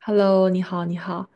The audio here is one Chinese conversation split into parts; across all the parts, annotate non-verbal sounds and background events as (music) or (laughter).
Hello，你好，你好，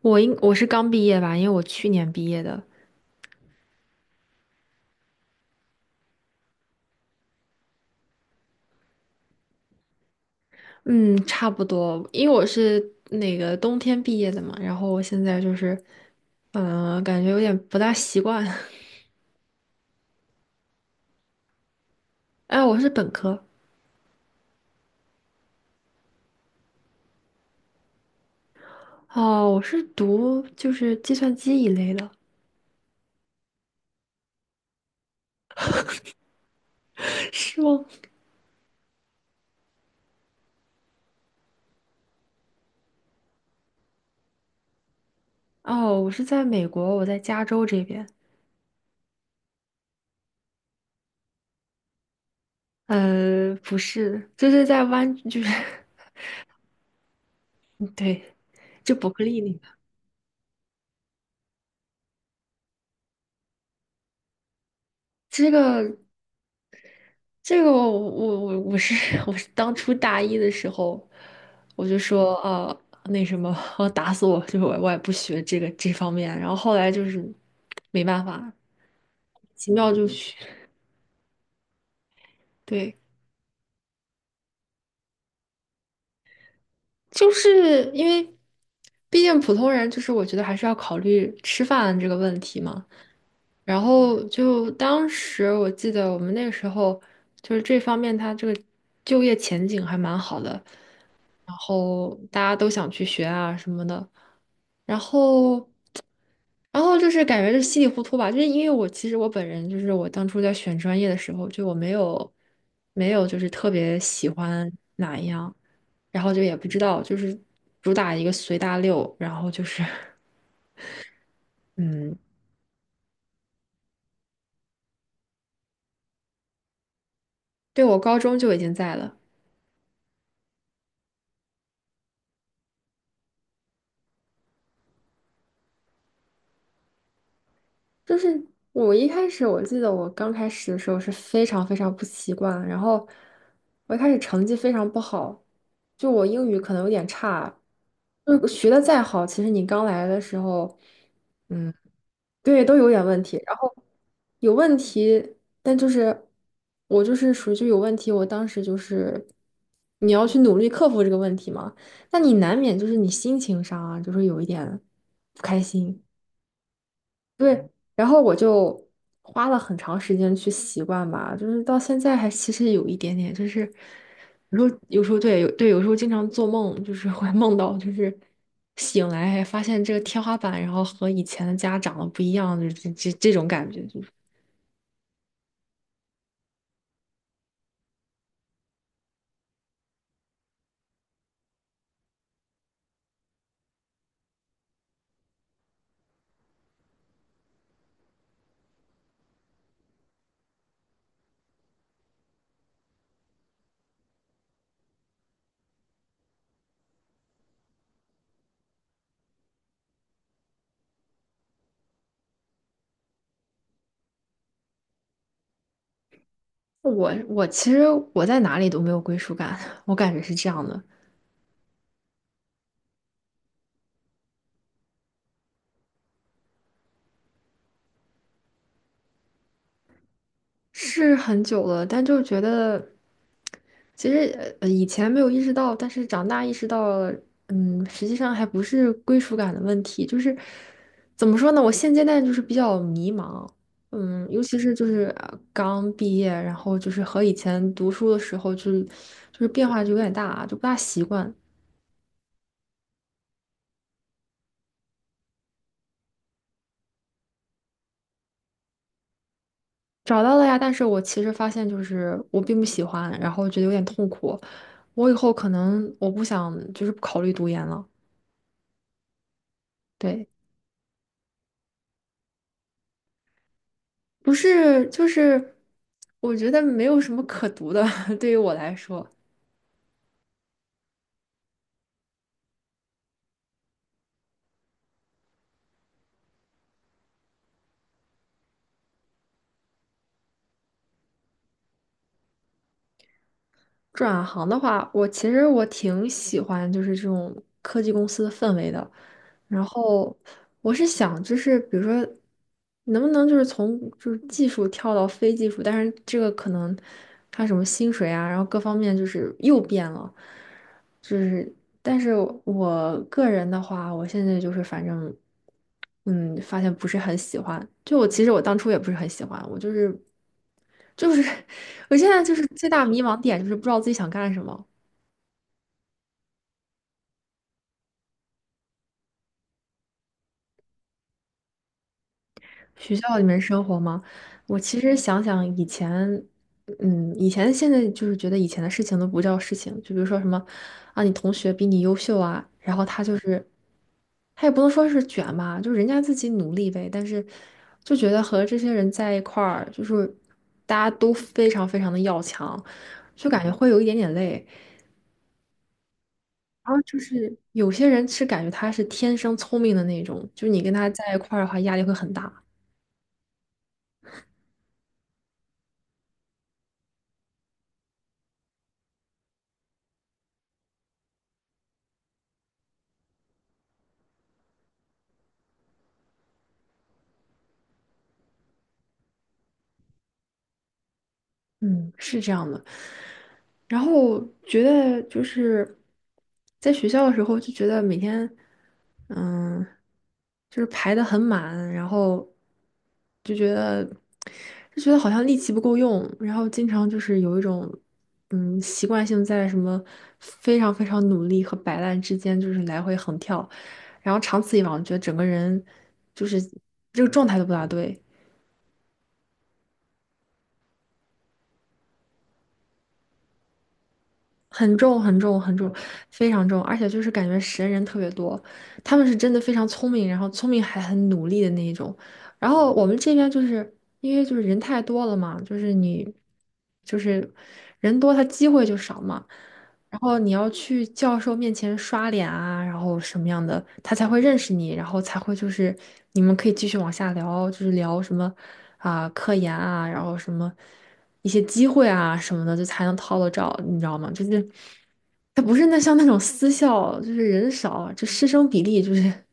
我是刚毕业吧，因为我去年毕业的。嗯，差不多，因为我是那个冬天毕业的嘛。然后我现在就是，感觉有点不大习惯。(laughs) 哎，我是本科。哦，我是读就是计算机一类的。(laughs) 是吗？哦，我是在美国，我在加州这边。不是，就是在湾，就是，(laughs) 对，就伯克利那个。这个这个我是 (laughs) 我是当初大一的时候，我就说啊、那什么，(laughs) 我打死我，就是我也不学这个这方面。然后后来就是没办法，奇妙就学，对，就是因为毕竟普通人，就是我觉得还是要考虑吃饭这个问题嘛。然后就当时我记得我们那个时候就是这方面，它这个就业前景还蛮好的，然后大家都想去学啊什么的，然后。然后就是感觉就稀里糊涂吧，就是因为我其实本人就是我当初在选专业的时候，就我没有就是特别喜欢哪一样，然后就也不知道，就是主打一个随大溜，然后就是 (laughs) 嗯，对我高中就已经在了。就是我一开始，我记得我刚开始的时候是非常非常不习惯，然后我一开始成绩非常不好，就我英语可能有点差。就是学的再好，其实你刚来的时候，嗯，对，都有点问题。然后有问题，但就是我就是属于就有问题，我当时就是你要去努力克服这个问题嘛。那你难免就是你心情上啊，就是有一点不开心。对，然后我就花了很长时间去习惯吧。就是到现在还其实有一点点，就是有时候有时候经常做梦，就是会梦到就是醒来还发现这个天花板，然后和以前的家长得不一样，就这种感觉。就是我其实在哪里都没有归属感，(laughs) 我感觉是这样的。是很久了，但就觉得，其实以前没有意识到，但是长大意识到了。嗯，实际上还不是归属感的问题，就是怎么说呢？我现阶段就是比较迷茫。嗯，尤其是就是刚毕业，然后就是和以前读书的时候就是变化就有点大，啊，就不大习惯。找到了呀，但是我其实发现就是我并不喜欢，然后觉得有点痛苦。我以后可能我不想就是不考虑读研了，对。不是，就是我觉得没有什么可读的，(laughs) 对于我来说。转行的话，我其实我挺喜欢就是这种科技公司的氛围的。然后我是想，就是比如说，能不能就是从就是技术跳到非技术，但是这个可能他什么薪水啊，然后各方面就是又变了。就是但是我个人的话，我现在就是反正嗯，发现不是很喜欢。就我其实我当初也不是很喜欢，我就是就是 (laughs) 我现在就是最大迷茫点就是不知道自己想干什么。学校里面生活吗？我其实想想以前，嗯，以前现在就是觉得以前的事情都不叫事情，就比如说什么啊，你同学比你优秀啊，然后他就是他也不能说是卷吧，就是人家自己努力呗。但是就觉得和这些人在一块儿，就是大家都非常非常的要强，就感觉会有一点点累。然后就是有些人是感觉他是天生聪明的那种，就是你跟他在一块儿的话，压力会很大。嗯，是这样的。然后觉得就是在学校的时候就觉得每天，嗯，就是排的很满。然后就觉得好像力气不够用，然后经常就是有一种习惯性在什么非常非常努力和摆烂之间就是来回横跳。然后长此以往，觉得整个人就是这个状态都不大对。很重很重很重，非常重，而且就是感觉神人特别多，他们是真的非常聪明，然后聪明还很努力的那一种。然后我们这边就是因为就是人太多了嘛，就是你就是人多，他机会就少嘛。然后你要去教授面前刷脸啊，然后什么样的，他才会认识你，然后才会就是你们可以继续往下聊，就是聊什么啊、科研啊，然后什么一些机会啊什么的，就才能套得着，你知道吗？就是他不是那像那种私校，就是人少，就师生比例就是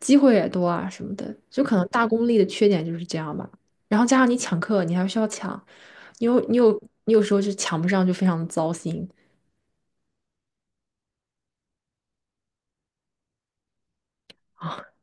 机会也多啊什么的，就可能大公立的缺点就是这样吧。然后加上你抢课，你还需要抢。你有你有你有时候就抢不上，就非常糟心。啊。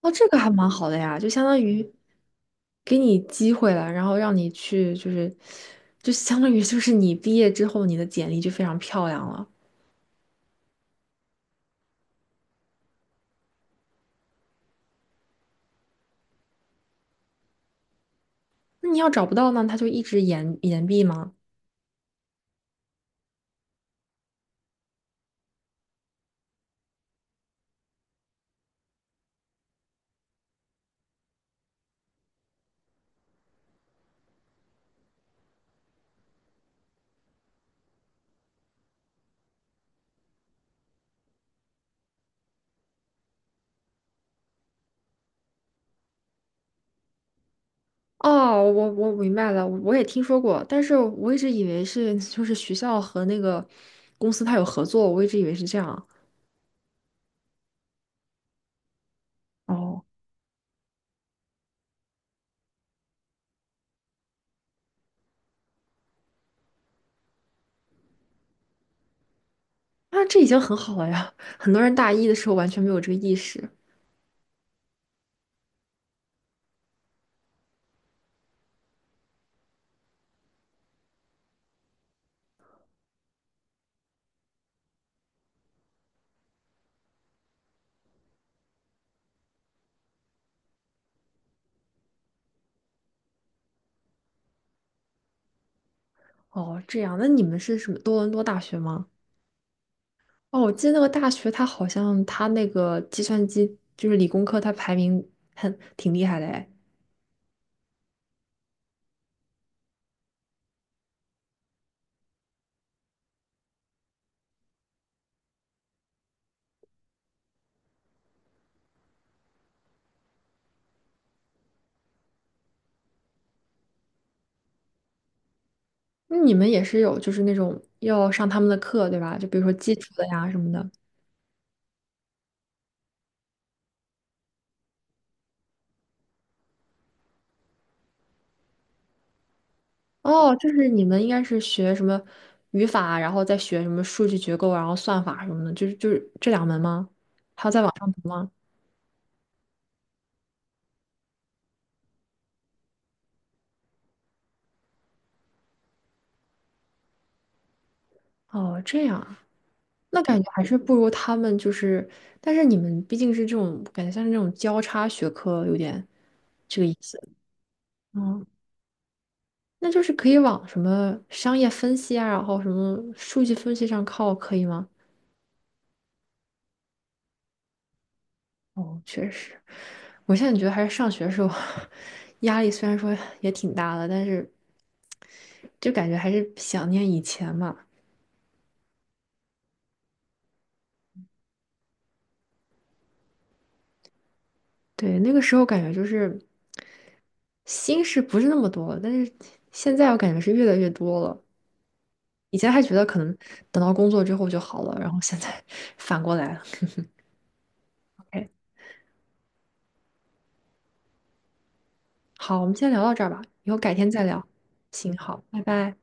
哦，这个还蛮好的呀，就相当于给你机会了，然后让你去，就是，就相当于就是你毕业之后，你的简历就非常漂亮了。那你要找不到呢，他就一直延毕吗？哦，我我明白了，我也听说过，但是我一直以为是就是学校和那个公司他有合作，我一直以为是这样。哦，那这已经很好了呀，很多人大一的时候完全没有这个意识。哦，这样，那你们是什么多伦多大学吗？哦，我记得那个大学，它好像它那个计算机就是理工科，它排名很挺厉害的哎。那你们也是有就是那种要上他们的课对吧？就比如说基础的呀什么的。哦，就是你们应该是学什么语法，然后再学什么数据结构，然后算法什么的，就是这两门吗？还要再往上读吗？哦，这样啊，那感觉还是不如他们就是，但是你们毕竟是这种感觉像是那种交叉学科，有点这个意思。嗯。那就是可以往什么商业分析啊，然后什么数据分析上靠，可以吗？哦，确实，我现在觉得还是上学时候 (laughs) 压力虽然说也挺大的，但是就感觉还是想念以前嘛。对，那个时候感觉就是心事不是那么多，但是现在我感觉是越来越多了。以前还觉得可能等到工作之后就好了，然后现在 (laughs) 反过来了。OK，好，我们先聊到这儿吧，以后改天再聊。行，好，拜拜。